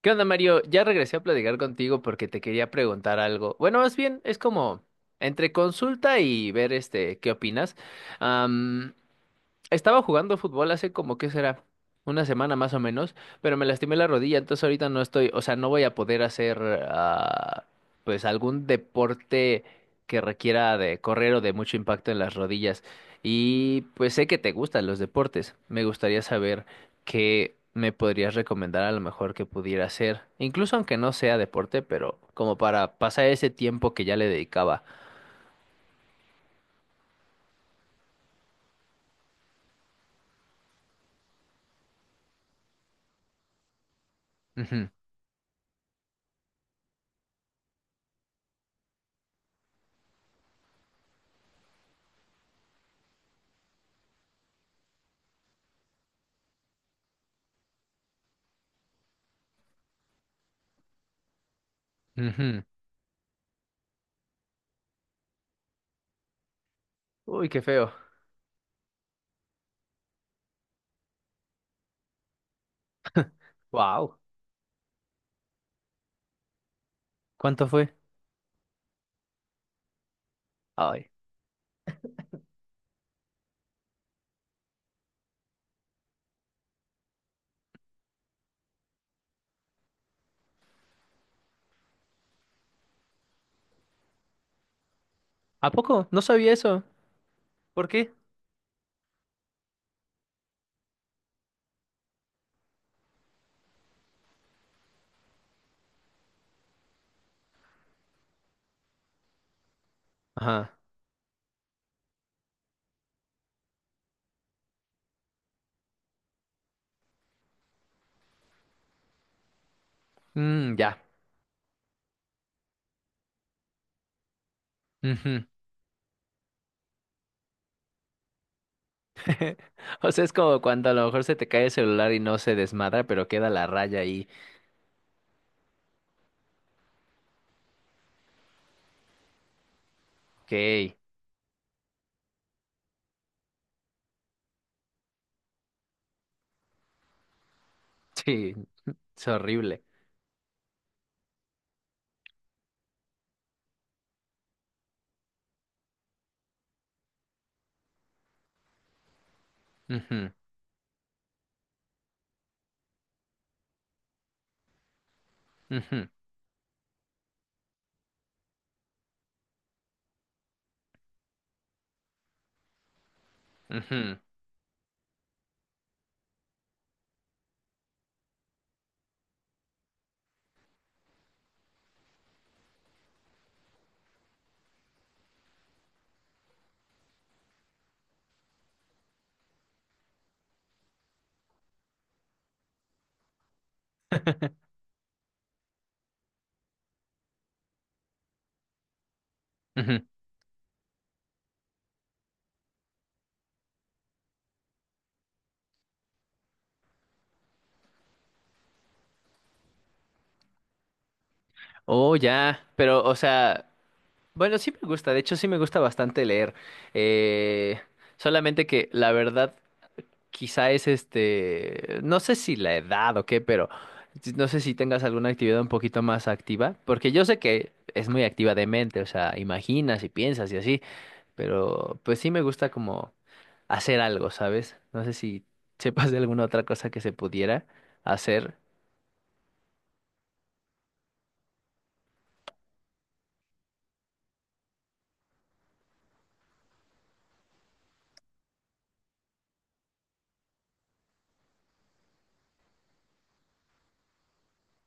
¿Qué onda, Mario? Ya regresé a platicar contigo porque te quería preguntar algo. Bueno, más bien es como entre consulta y ver qué opinas. Estaba jugando fútbol hace como, ¿qué será? Una semana más o menos, pero me lastimé la rodilla, entonces ahorita no estoy, o sea, no voy a poder hacer, ah, pues, algún deporte que requiera de correr o de mucho impacto en las rodillas. Y pues sé que te gustan los deportes. Me gustaría saber qué me podrías recomendar a lo mejor que pudiera hacer, incluso aunque no sea deporte, pero como para pasar ese tiempo que ya le dedicaba. Ujú, ujú. Uy, qué feo. Wow. ¿Cuánto fue? Ay. ¿A poco? No sabía eso. ¿Por qué? Ajá. Mm, ya. Ujú. O sea, es como cuando a lo mejor se te cae el celular y no se desmadra, pero queda la raya ahí. Ok. Sí, es horrible. Ujú, ujú, ujú, ujú. Oh, ya. Pero, o sea, bueno, sí me gusta. De hecho, sí me gusta bastante leer. Eh, solamente que la verdad, quizá es no sé si la edad o qué, pero no sé si tengas alguna actividad un poquito más activa, porque yo sé que es muy activa de mente, o sea, imaginas y piensas y así, pero pues sí me gusta como hacer algo, ¿sabes? No sé si sepas de alguna otra cosa que se pudiera hacer.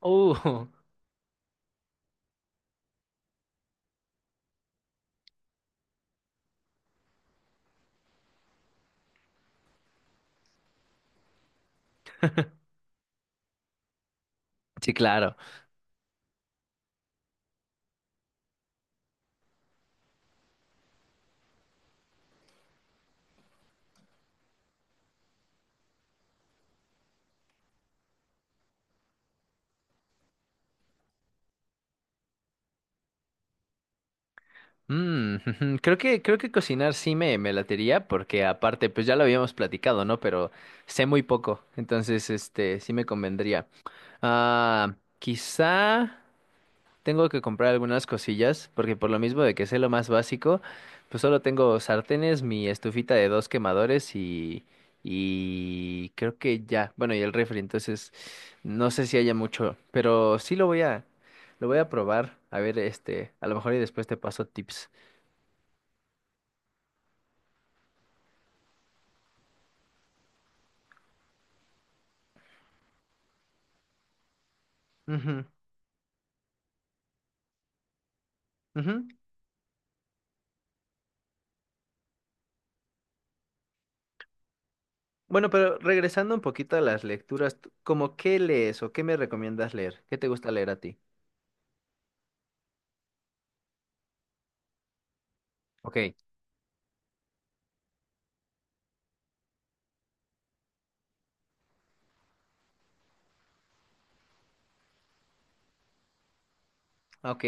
Uh, sí, claro. Mm, creo que cocinar sí me latería, porque aparte, pues ya lo habíamos platicado, ¿no? Pero sé muy poco, entonces, sí me convendría. Quizá tengo que comprar algunas cosillas, porque por lo mismo de que sé lo más básico, pues solo tengo sartenes, mi estufita de dos quemadores y creo que ya, bueno, y el refri, entonces no sé si haya mucho, pero sí lo voy a probar, a ver, a lo mejor y después te paso tips. Ujú, ujú. Bueno, pero regresando un poquito a las lecturas, ¿cómo qué lees o qué me recomiendas leer? ¿Qué te gusta leer a ti? Ok, ok,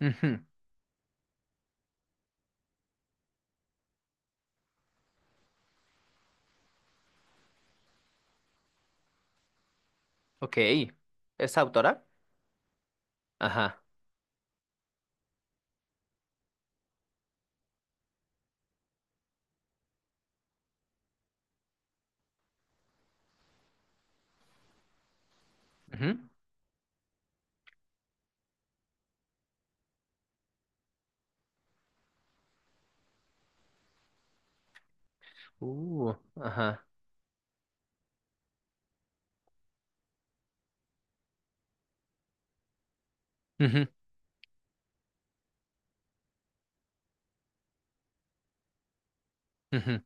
ujú, ok. ¿Es autora? Ajá. Ujú. Uh, ajá. Ujú, ujú.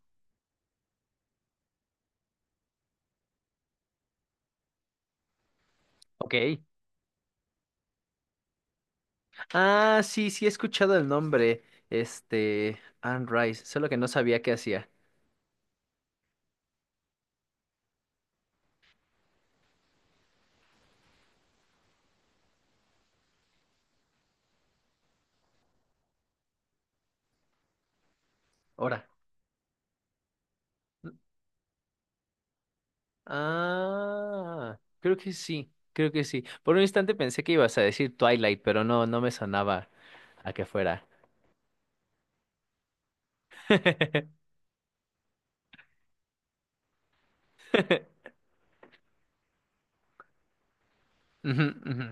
Ok. Ah, sí, sí he escuchado el nombre, Anne Rice, solo que no sabía qué hacía. Ahora. Ah, creo que sí, creo que sí. Por un instante pensé que ibas a decir Twilight, pero no, no me sonaba a que fuera. Ujú, ujú.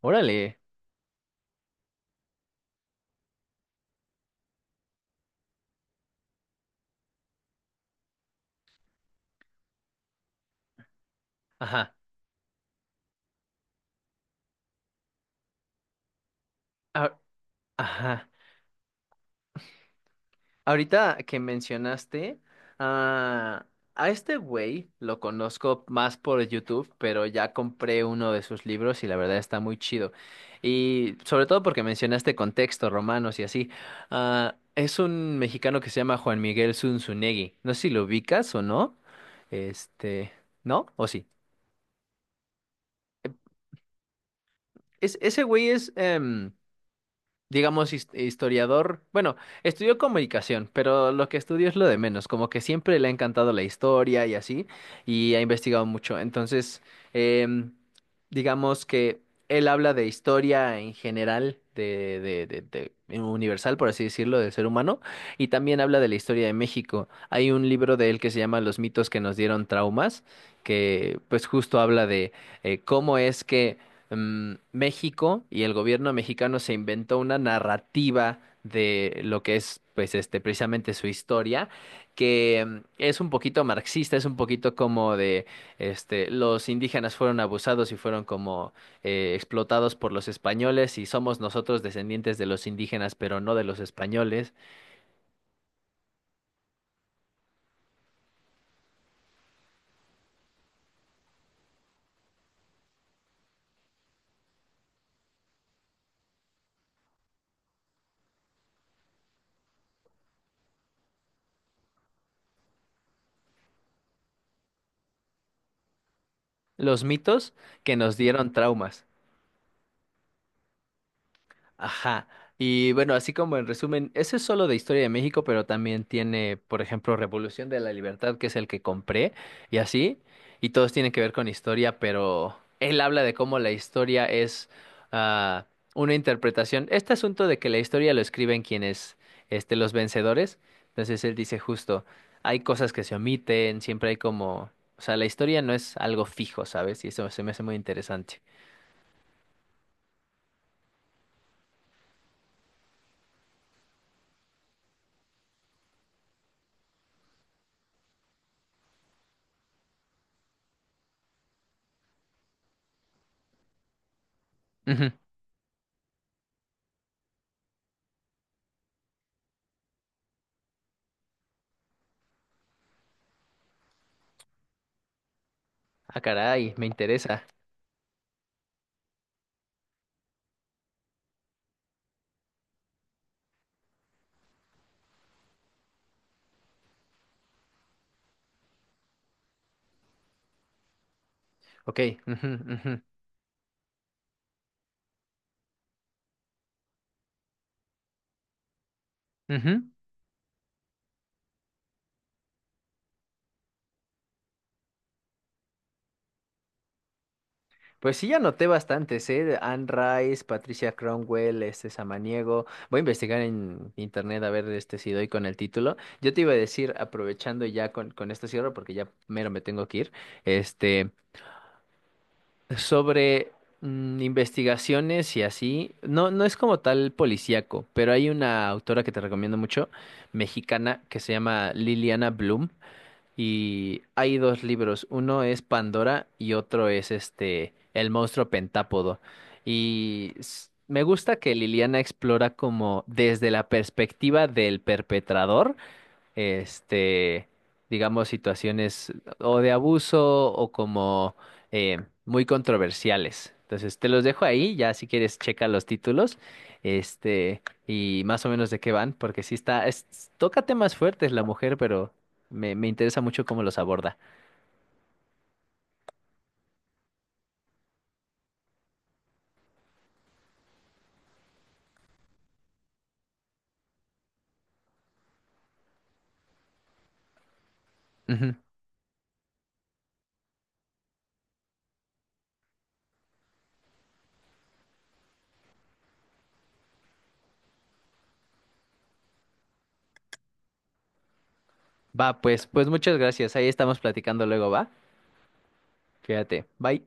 Órale. Ajá. Ah, ajá. Ahorita que mencionaste, ah, a este güey lo conozco más por YouTube, pero ya compré uno de sus libros y la verdad está muy chido. Y sobre todo porque mencionaste contexto, romanos y así. Ah, es un mexicano que se llama Juan Miguel Zunzunegui. No sé si lo ubicas o no. Este, ¿No? ¿O sí? Ese güey es, digamos, historiador. Bueno, estudió comunicación, pero lo que estudió es lo de menos, como que siempre le ha encantado la historia y así, y ha investigado mucho. Entonces, em, digamos que él habla de historia en general, en universal, por así decirlo, del ser humano, y también habla de la historia de México. Hay un libro de él que se llama Los mitos que nos dieron traumas, que pues justo habla de cómo es que México y el gobierno mexicano se inventó una narrativa de lo que es, pues, precisamente su historia, que es un poquito marxista, es un poquito como de, los indígenas fueron abusados y fueron como explotados por los españoles y somos nosotros descendientes de los indígenas, pero no de los españoles. Los mitos que nos dieron traumas. Ajá. Y bueno, así como en resumen, ese es solo de Historia de México, pero también tiene, por ejemplo, Revolución de la Libertad, que es el que compré, y así. Y todos tienen que ver con historia, pero él habla de cómo la historia es ah, una interpretación. Este asunto de que la historia lo escriben quienes, los vencedores. Entonces él dice justo, hay cosas que se omiten, siempre hay como, o sea, la historia no es algo fijo, ¿sabes? Y eso se me hace muy interesante. Ujú. Ah, caray, me interesa. Ok, ujú, ujú, ujú. Pues sí, ya noté bastantes, ¿eh? Anne Rice, Patricia Cromwell, este Samaniego. Voy a investigar en internet a ver si doy con el título. Yo te iba a decir, aprovechando ya con esto cierro, porque ya mero me tengo que ir, este, sobre investigaciones y así. No, no es como tal policíaco, pero hay una autora que te recomiendo mucho, mexicana, que se llama Liliana Bloom. Y hay dos libros, uno es Pandora y otro es El monstruo pentápodo. Y me gusta que Liliana explora como desde la perspectiva del perpetrador este, digamos, situaciones o de abuso o como eh, muy controversiales. Entonces, te los dejo ahí, ya si quieres checa los títulos, este, y más o menos de qué van, porque sí toca temas fuertes la mujer, pero me interesa mucho cómo los aborda. Ujú. Va, pues muchas gracias. Ahí estamos platicando luego, ¿va? Fíjate. Bye.